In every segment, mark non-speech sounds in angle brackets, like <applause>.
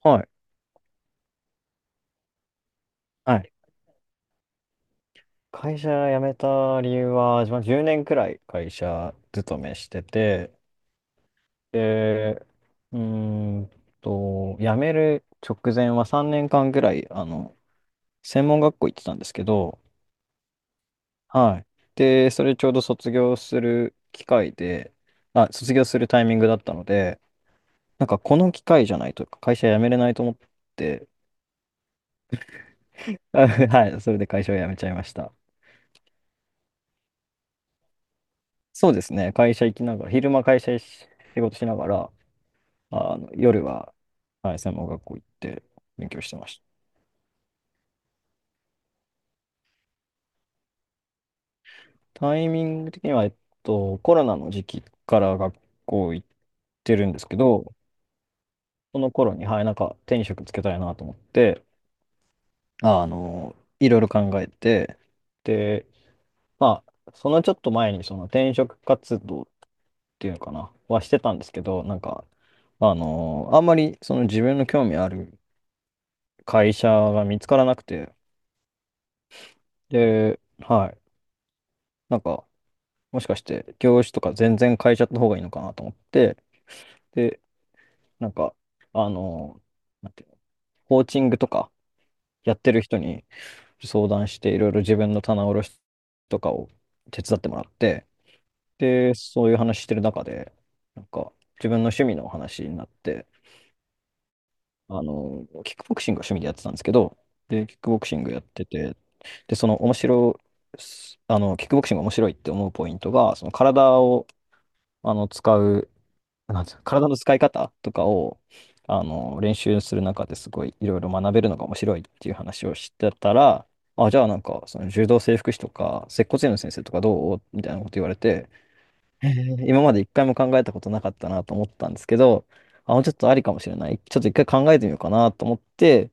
はい。はい。会社辞めた理由は、自分は10年くらい会社勤めしてて、で、うーん辞める直前は3年間くらい、専門学校行ってたんですけど、はい。で、それちょうど卒業する機会で、あ、卒業するタイミングだったので、なんかこの機会じゃないと会社辞めれないと思って、<laughs> はい、それで会社を辞めちゃいました。そうですね、会社行きながら、昼間会社し仕事しながら、夜は、はい、専門学校行って勉強してました。タイミング的には、コロナの時期から学校行ってるんですけど、その頃に、はい、なんか手に職つけたいなと思って、あの、いろいろ考えて、で、まあ、そのちょっと前に、その転職活動っていうのかな、はしてたんですけど、なんか、あんまりその自分の興味ある会社が見つからなくて、で、はい、なんか、もしかして業種とか全然変えちゃった方がいいのかなと思って、で、なんか、あの、なんていうの、コーチングとかやってる人に相談して、いろいろ自分の棚卸しとかを手伝ってもらって、で、そういう話してる中で、なんか、自分の趣味の話になって、キックボクシングが趣味でやってたんですけど、で、キックボクシングやってて、で、その面白い、あの、キックボクシングが面白いって思うポイントが、その体を、あの、使う、なんていうの体の使い方とかを、練習する中ですごいいろいろ学べるのが面白いっていう話をしてたら、あ、じゃあなんか、その柔道整復師とか、接骨院の先生とかどうみたいなこと言われて、へー今まで一回も考えたことなかったなと思ったんですけど、あ、もうちょっとありかもしれない。ちょっと一回考えてみようかなと思って、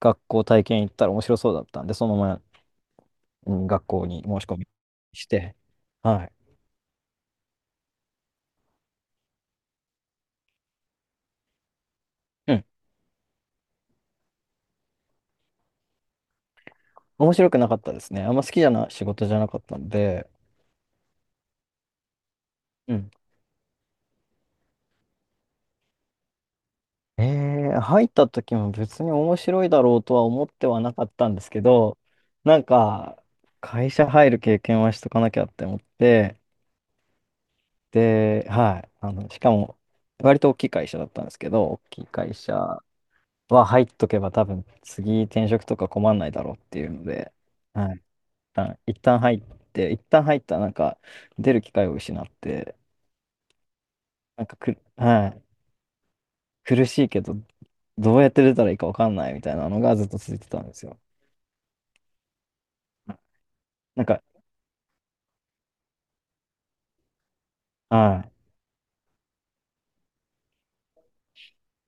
学校体験行ったら面白そうだったんで、そのまま、うん、学校に申し込みして、はい。うん。面白くなかったですね。あんま好きじゃな仕事じゃなかったんで、うん。入った時も別に面白いだろうとは思ってはなかったんですけど、なんか、会社入る経験はしとかなきゃって思って、で、はい、しかも、割と大きい会社だったんですけど、大きい会社は入っとけば多分次転職とか困んないだろうっていうので、はい、一旦入って、一旦入ったらなんか出る機会を失って、なんかく、はい、苦しいけど、どうやって出たらいいかわかんないみたいなのがずっと続いてたんですよ。なんか、はい、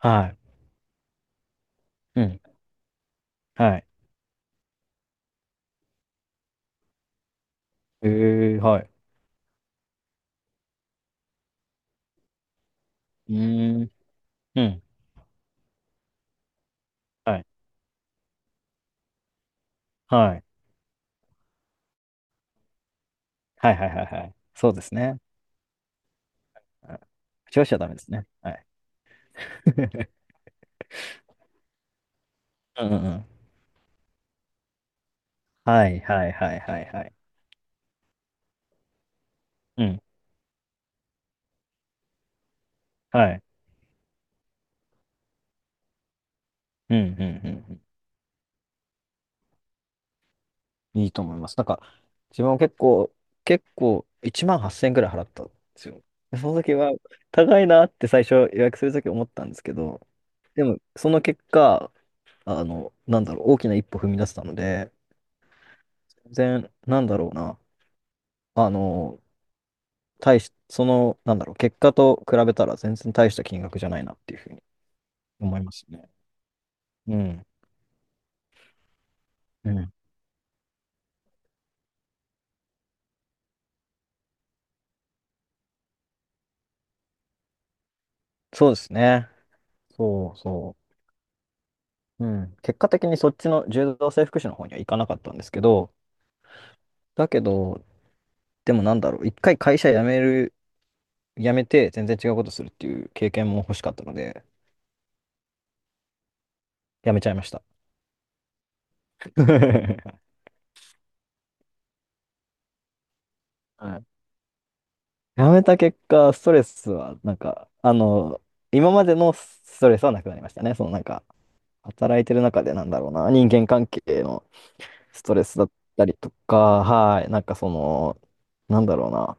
はい、うん、はい。えー、はい。うーん、うん、はい、はい、はいはいはいはい。そうですね。うん。口をしちゃダメですね。はい。<laughs> うんうんうん。はいはいはいはいはい。うん。はい。うんうんうんうん。いいと思います。なんか、自分は結構、1万8000円くらい払ったんですよ。でその時は、高いなって最初予約する時思ったんですけど、でも、その結果、なんだろう、大きな一歩踏み出せたので、全然、なんだろうな。あの、その、なんだろう、結果と比べたら全然大した金額じゃないなっていうふうに思いますね。うん。うん。そうですね。そうそう。うん。結果的にそっちの柔道整復師の方には行かなかったんですけど、だけど、でもなんだろう、一回会社辞めて全然違うことするっていう経験も欲しかったので、辞めちゃいました。<laughs> はい。やめた結果、ストレスは、なんか、今までのストレスはなくなりましたね。そのなんか、働いてる中でなんだろうな、人間関係のストレスだったりとか、はい、なんかその、なんだろうな、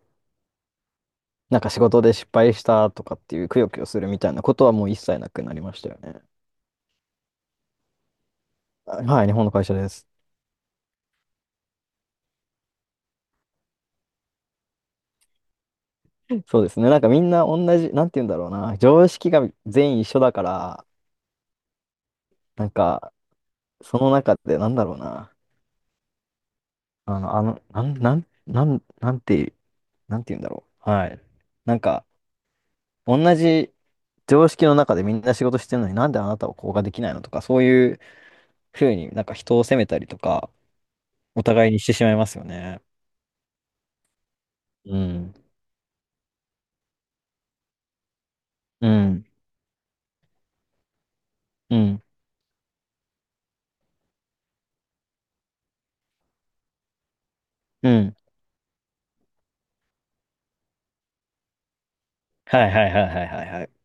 なんか仕事で失敗したとかっていう、くよくよするみたいなことはもう一切なくなりましたよね。はい、日本の会社です。そうですね。なんかみんな同じ、なんて言うんだろうな、常識が全員一緒だから、なんか、その中でなんだろうな、あの、あの、なん、なん、なん、なんて、なんて言うんだろう。はい。なんか、同じ常識の中でみんな仕事してるのになんであなたはこうができないのとか、そういうふうになんか人を責めたりとか、お互いにしてしまいますよね。うん。うん。うん。うん。はいはいはいはいはいはい。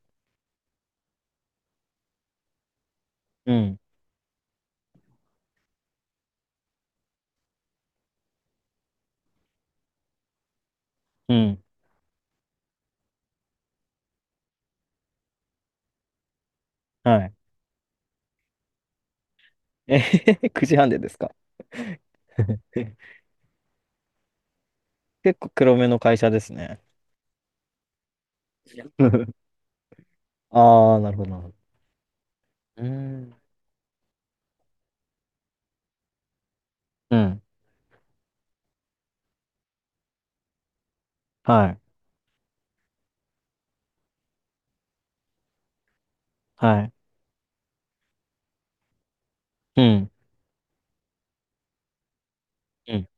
うん。うん。はい。えへへ、9時半でですか？え、結構黒めの会社ですね。<laughs> ああ、なるほどなるほど。うーん。うん。はい。はい。うん。うん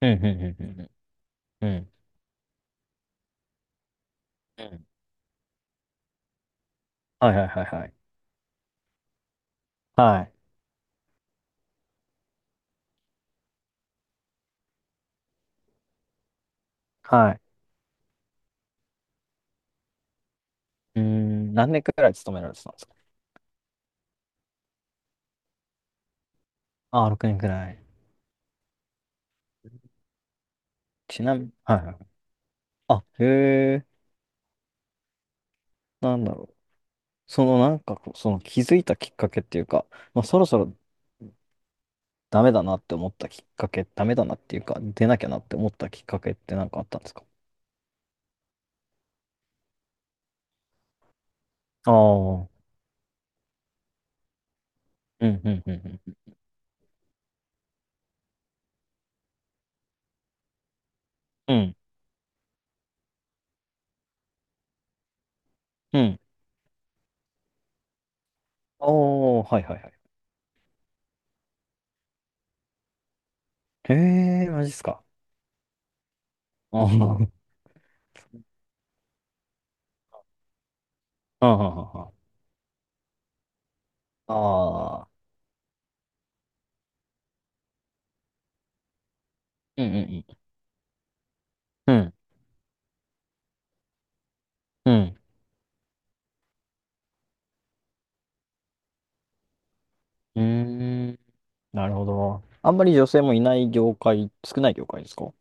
うんうんうんうんうんうんうんはいはいはいはい。はい。はい。うーん、何年くらい勤められてたんですか？ああ、6年くらい。ちなみに、はいはいはい。あ、へえ、なんだろう。そのなんかこう、その気づいたきっかけっていうか、まあ、そろそろダメだなって思ったきっかけ、ダメだなっていうか、出なきゃなって思ったきっかけってなんかあったんですか？ああー、うんうんうんうんうん。うん。おー、はいはいはい。へえ、マジっすか。あーあー、<laughs> あーあー、あーうんうんうん。うん。うんうーん。なるほど。あんまり女性もいない業界、少ない業界ですか？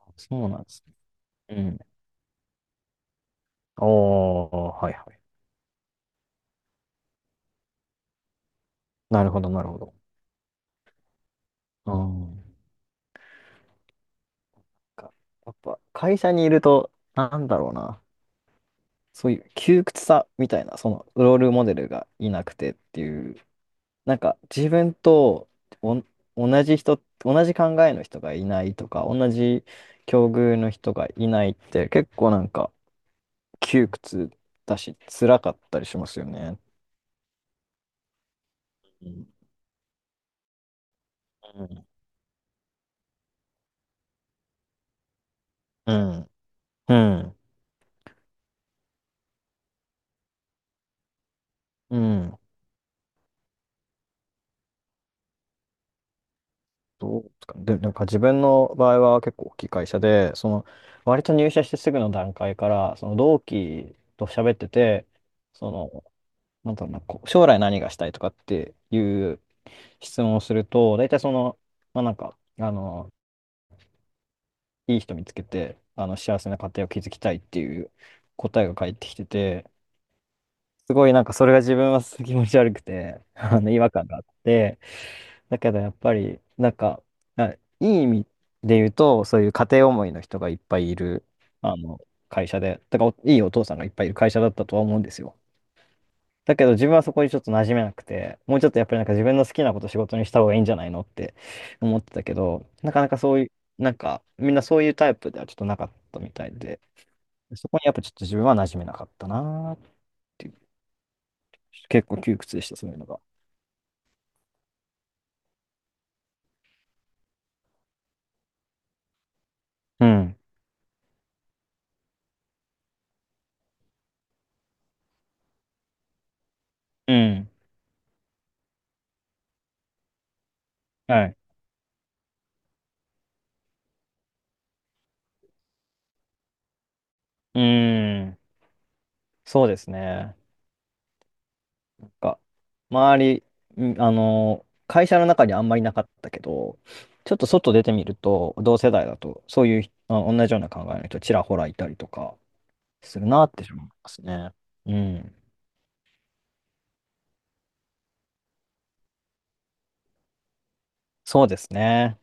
あ、そうなんですね。うん。おー、はいはい。なるほど、なるほど。うん。かやっぱ、会社にいると、なんだろうな。そういう窮屈さみたいな、その、ロールモデルがいなくてっていう、なんか、自分とお、同じ考えの人がいないとか、同じ境遇の人がいないって、結構なんか、窮屈だし、辛かったりしますよね。うん、うん、うん。うん。どうですかね。で、なんか自分の場合は結構大きい会社で、その、割と入社してすぐの段階から、その同期と喋ってて、その、なんだろうな、こう将来何がしたいとかっていう質問をすると、大体その、まあなんか、いい人見つけて、幸せな家庭を築きたいっていう答えが返ってきてて、すごいなんかそれが自分はすごい気持ち悪くて、<laughs> 違和感があって、だけどやっぱり、なんか、あいい意味で言うと、そういう家庭思いの人がいっぱいいる、あの、会社で、だからおいいお父さんがいっぱいいる会社だったとは思うんですよ。だけど自分はそこにちょっと馴染めなくて、もうちょっとやっぱりなんか自分の好きなこと仕事にした方がいいんじゃないのって思ってたけど、なかなかそういう、なんかみんなそういうタイプではちょっとなかったみたいで、そこにやっぱちょっと自分は馴染めなかったなーっていう、結構窮屈でした、そういうのが。うん。うん。はい。うーん。そうですね。か、周り、んあの、会社の中にあんまりなかったけど、ちょっと外出てみると、同世代だと、そういう、あ、同じような考えの人、ちらほらいたりとか、するなって思いますね。うん。そうですね。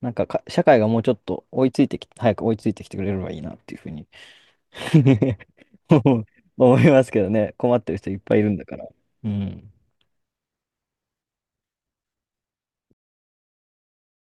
なんか、社会がもうちょっと追いついてき、早く追いついてきてくれればいいなっていうふうに <laughs> 思いますけどね。困ってる人いっぱいいるんだから。うん。